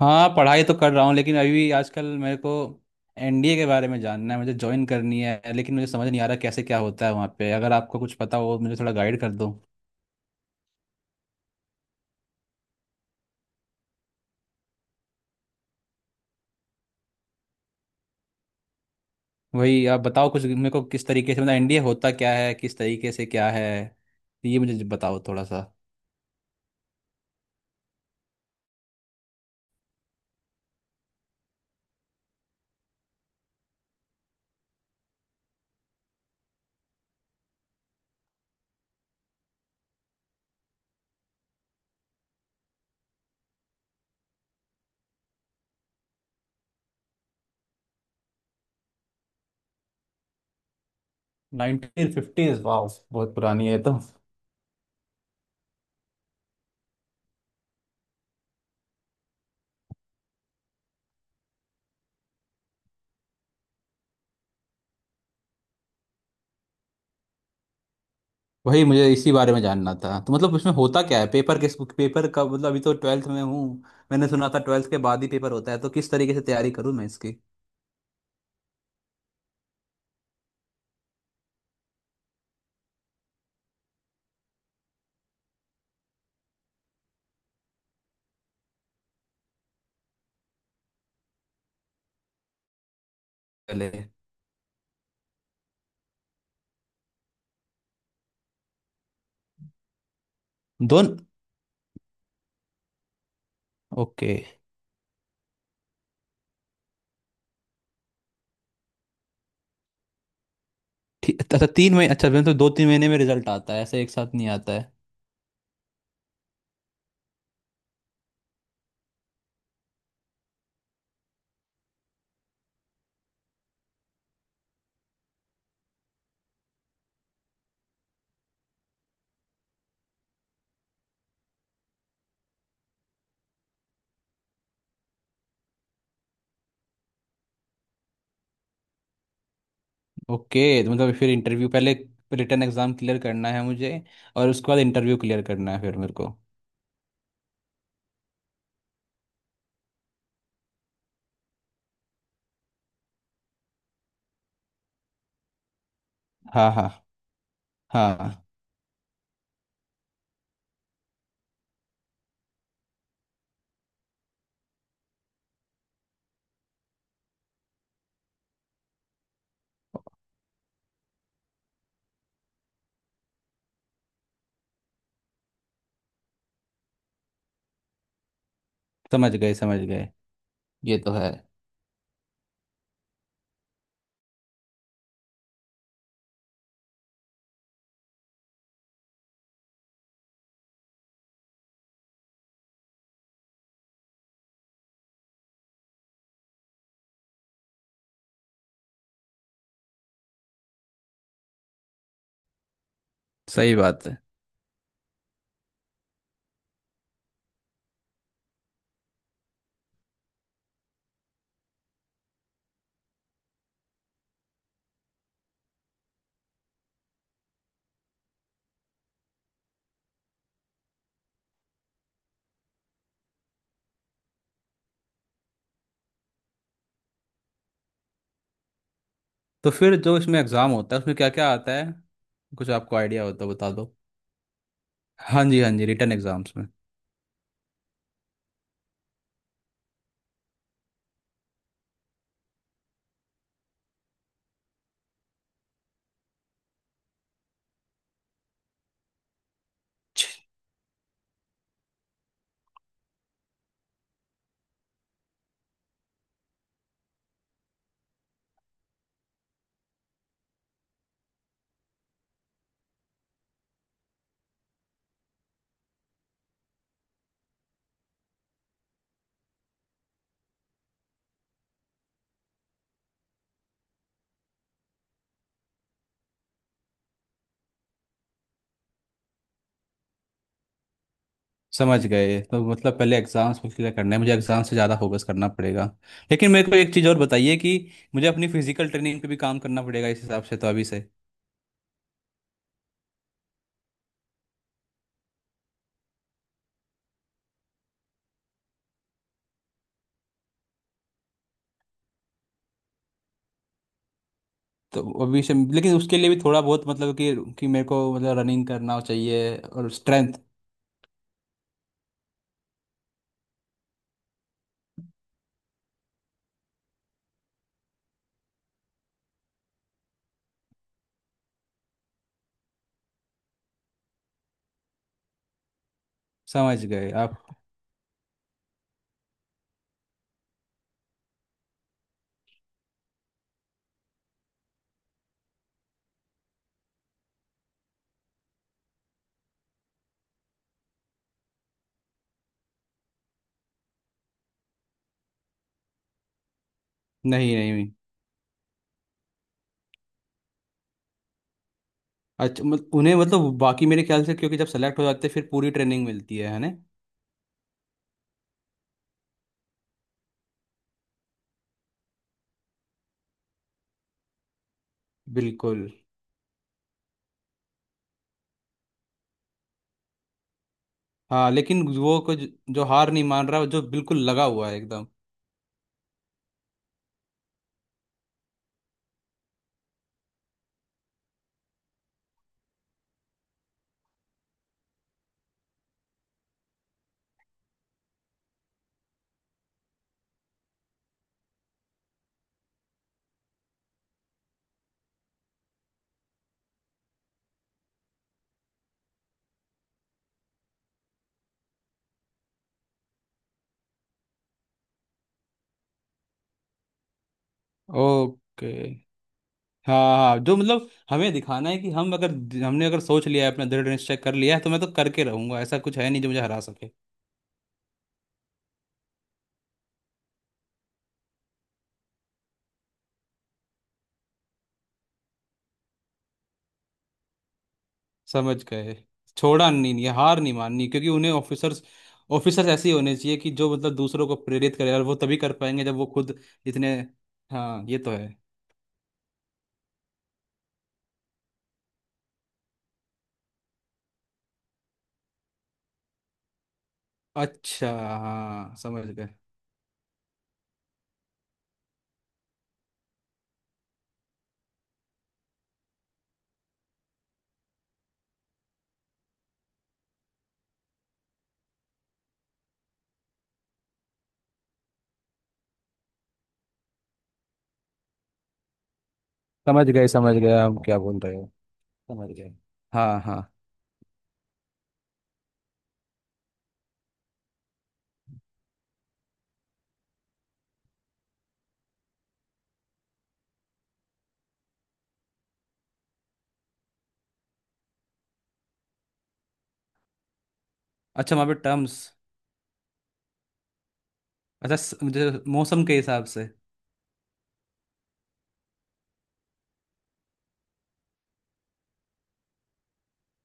हाँ, पढ़ाई तो कर रहा हूँ लेकिन अभी आजकल मेरे को एनडीए के बारे में जानना है। मुझे ज्वाइन करनी है लेकिन मुझे समझ नहीं आ रहा कैसे क्या होता है वहाँ पे। अगर आपको कुछ पता हो मुझे थोड़ा गाइड कर दो। वही आप बताओ कुछ मेरे को, किस तरीके से, मतलब एनडीए होता क्या है, किस तरीके से क्या है, ये मुझे बताओ थोड़ा सा। 1950s, वाह। बहुत पुरानी है ये तो। वही मुझे इसी बारे में जानना था। तो मतलब उसमें होता क्या है, पेपर किस पेपर का, मतलब अभी तो ट्वेल्थ में हूँ। मैंने सुना था ट्वेल्थ के बाद ही पेपर होता है। तो किस तरीके से तैयारी करूँ मैं इसकी पहले। दोन ओके। ठीक, अच्छा 3 महीने, अच्छा मतलब 2-3 महीने में रिजल्ट आता है, ऐसे एक साथ नहीं आता है। ओके, तो मतलब फिर इंटरव्यू पहले, रिटर्न एग्जाम क्लियर करना है मुझे और उसके बाद इंटरव्यू क्लियर करना है फिर मेरे को। हाँ हाँ। हाँ। समझ गए समझ गए। ये तो है। सही बात है। तो फिर जो इसमें एग्ज़ाम होता है उसमें क्या क्या आता है, कुछ आपको आइडिया होता है बता दो। हाँ जी, हाँ जी, रिटर्न एग्ज़ाम्स में। समझ गए। तो मतलब पहले एग्जाम्स को क्लियर करना है मुझे, एग्जाम से ज़्यादा फोकस करना पड़ेगा। लेकिन मेरे को एक चीज़ और बताइए कि मुझे अपनी फिजिकल ट्रेनिंग पे भी काम करना पड़ेगा इस हिसाब से तो अभी से। लेकिन उसके लिए भी थोड़ा बहुत, मतलब कि मेरे को मतलब रनिंग करना चाहिए और स्ट्रेंथ। समझ गए आप। नहीं नहीं। अच्छा, मत, उन्हें मतलब बाकी मेरे ख्याल से, क्योंकि जब सेलेक्ट हो जाते हैं फिर पूरी ट्रेनिंग मिलती है ना। बिल्कुल। हाँ लेकिन वो कुछ, जो हार नहीं मान रहा जो बिल्कुल लगा हुआ है एकदम। ओके। हाँ हाँ, जो मतलब हमें दिखाना है कि हम अगर, हमने अगर सोच लिया है अपना दृढ़ निश्चय कर लिया है तो मैं तो करके रहूंगा, ऐसा कुछ है नहीं जो मुझे हरा सके। समझ गए। छोड़ा नहीं, नहीं हार नहीं माननी, क्योंकि उन्हें ऑफिसर्स, ऑफिसर्स ऐसे ही होने चाहिए कि जो मतलब दूसरों को प्रेरित करे और वो तभी कर पाएंगे जब वो खुद इतने। हाँ, ये तो है। अच्छा हाँ, समझ गए। समझ गए। समझ गए, हम क्या बोल रहे हो। समझ गए। हाँ हाँ। अच्छा वहाँ पे टर्म्स, अच्छा मुझे मौसम के हिसाब से।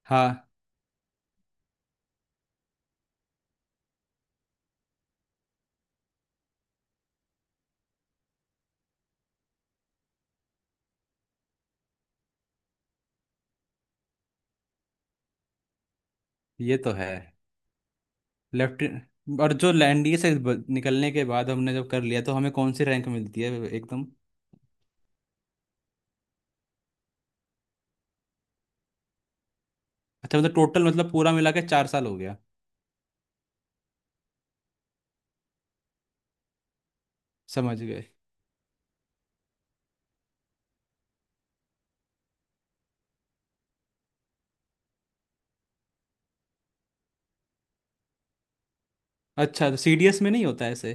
हाँ, ये तो है। लेफ्ट। और जो एनडीए से निकलने के बाद हमने जब कर लिया तो हमें कौन सी रैंक मिलती है। एकदम। अच्छा मतलब टोटल, मतलब पूरा मिला के 4 साल हो गया। समझ गए। अच्छा तो सीडीएस में नहीं होता ऐसे।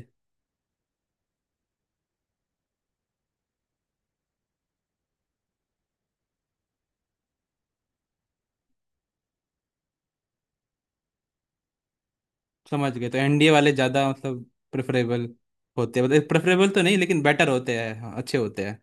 समझ गए, तो एनडीए वाले ज़्यादा मतलब प्रेफरेबल होते हैं, मतलब प्रेफरेबल तो नहीं लेकिन बेटर होते हैं, हाँ, अच्छे होते हैं।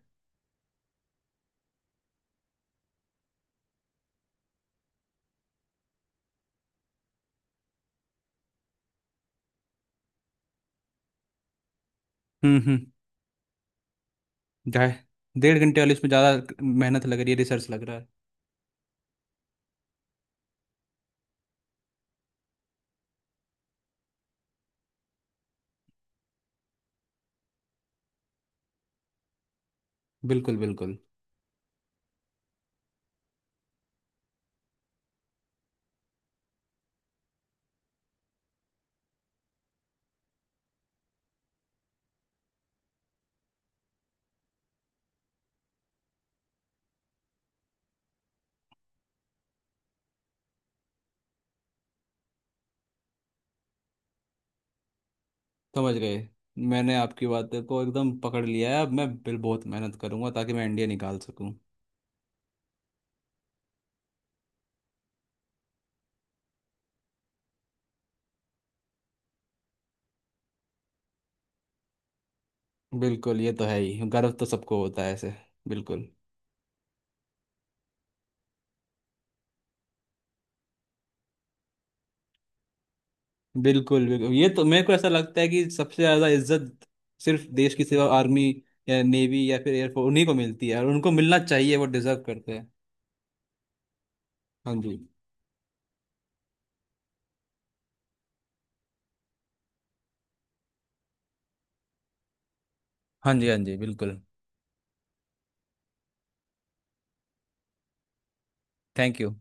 हम्म। ढाई, 1.5 घंटे वाले, इसमें ज़्यादा मेहनत लग रही है, रिसर्च लग रहा है। बिल्कुल बिल्कुल। समझ गए। मैंने आपकी बात को एकदम पकड़ लिया है, अब मैं बिल बहुत मेहनत करूंगा ताकि मैं एनडीए निकाल सकूं। बिल्कुल, ये तो है ही, गर्व तो सबको होता है ऐसे। बिल्कुल। बिल्कुल बिल्कुल, ये तो मेरे को ऐसा लगता है कि सबसे ज्यादा इज्जत, सिर्फ देश की सेवा, आर्मी या नेवी या फिर एयरफोर्स, उन्हीं को मिलती है और उनको मिलना चाहिए, वो डिजर्व करते हैं। हाँ जी। हाँ जी, हाँ जी, बिल्कुल। Thank you.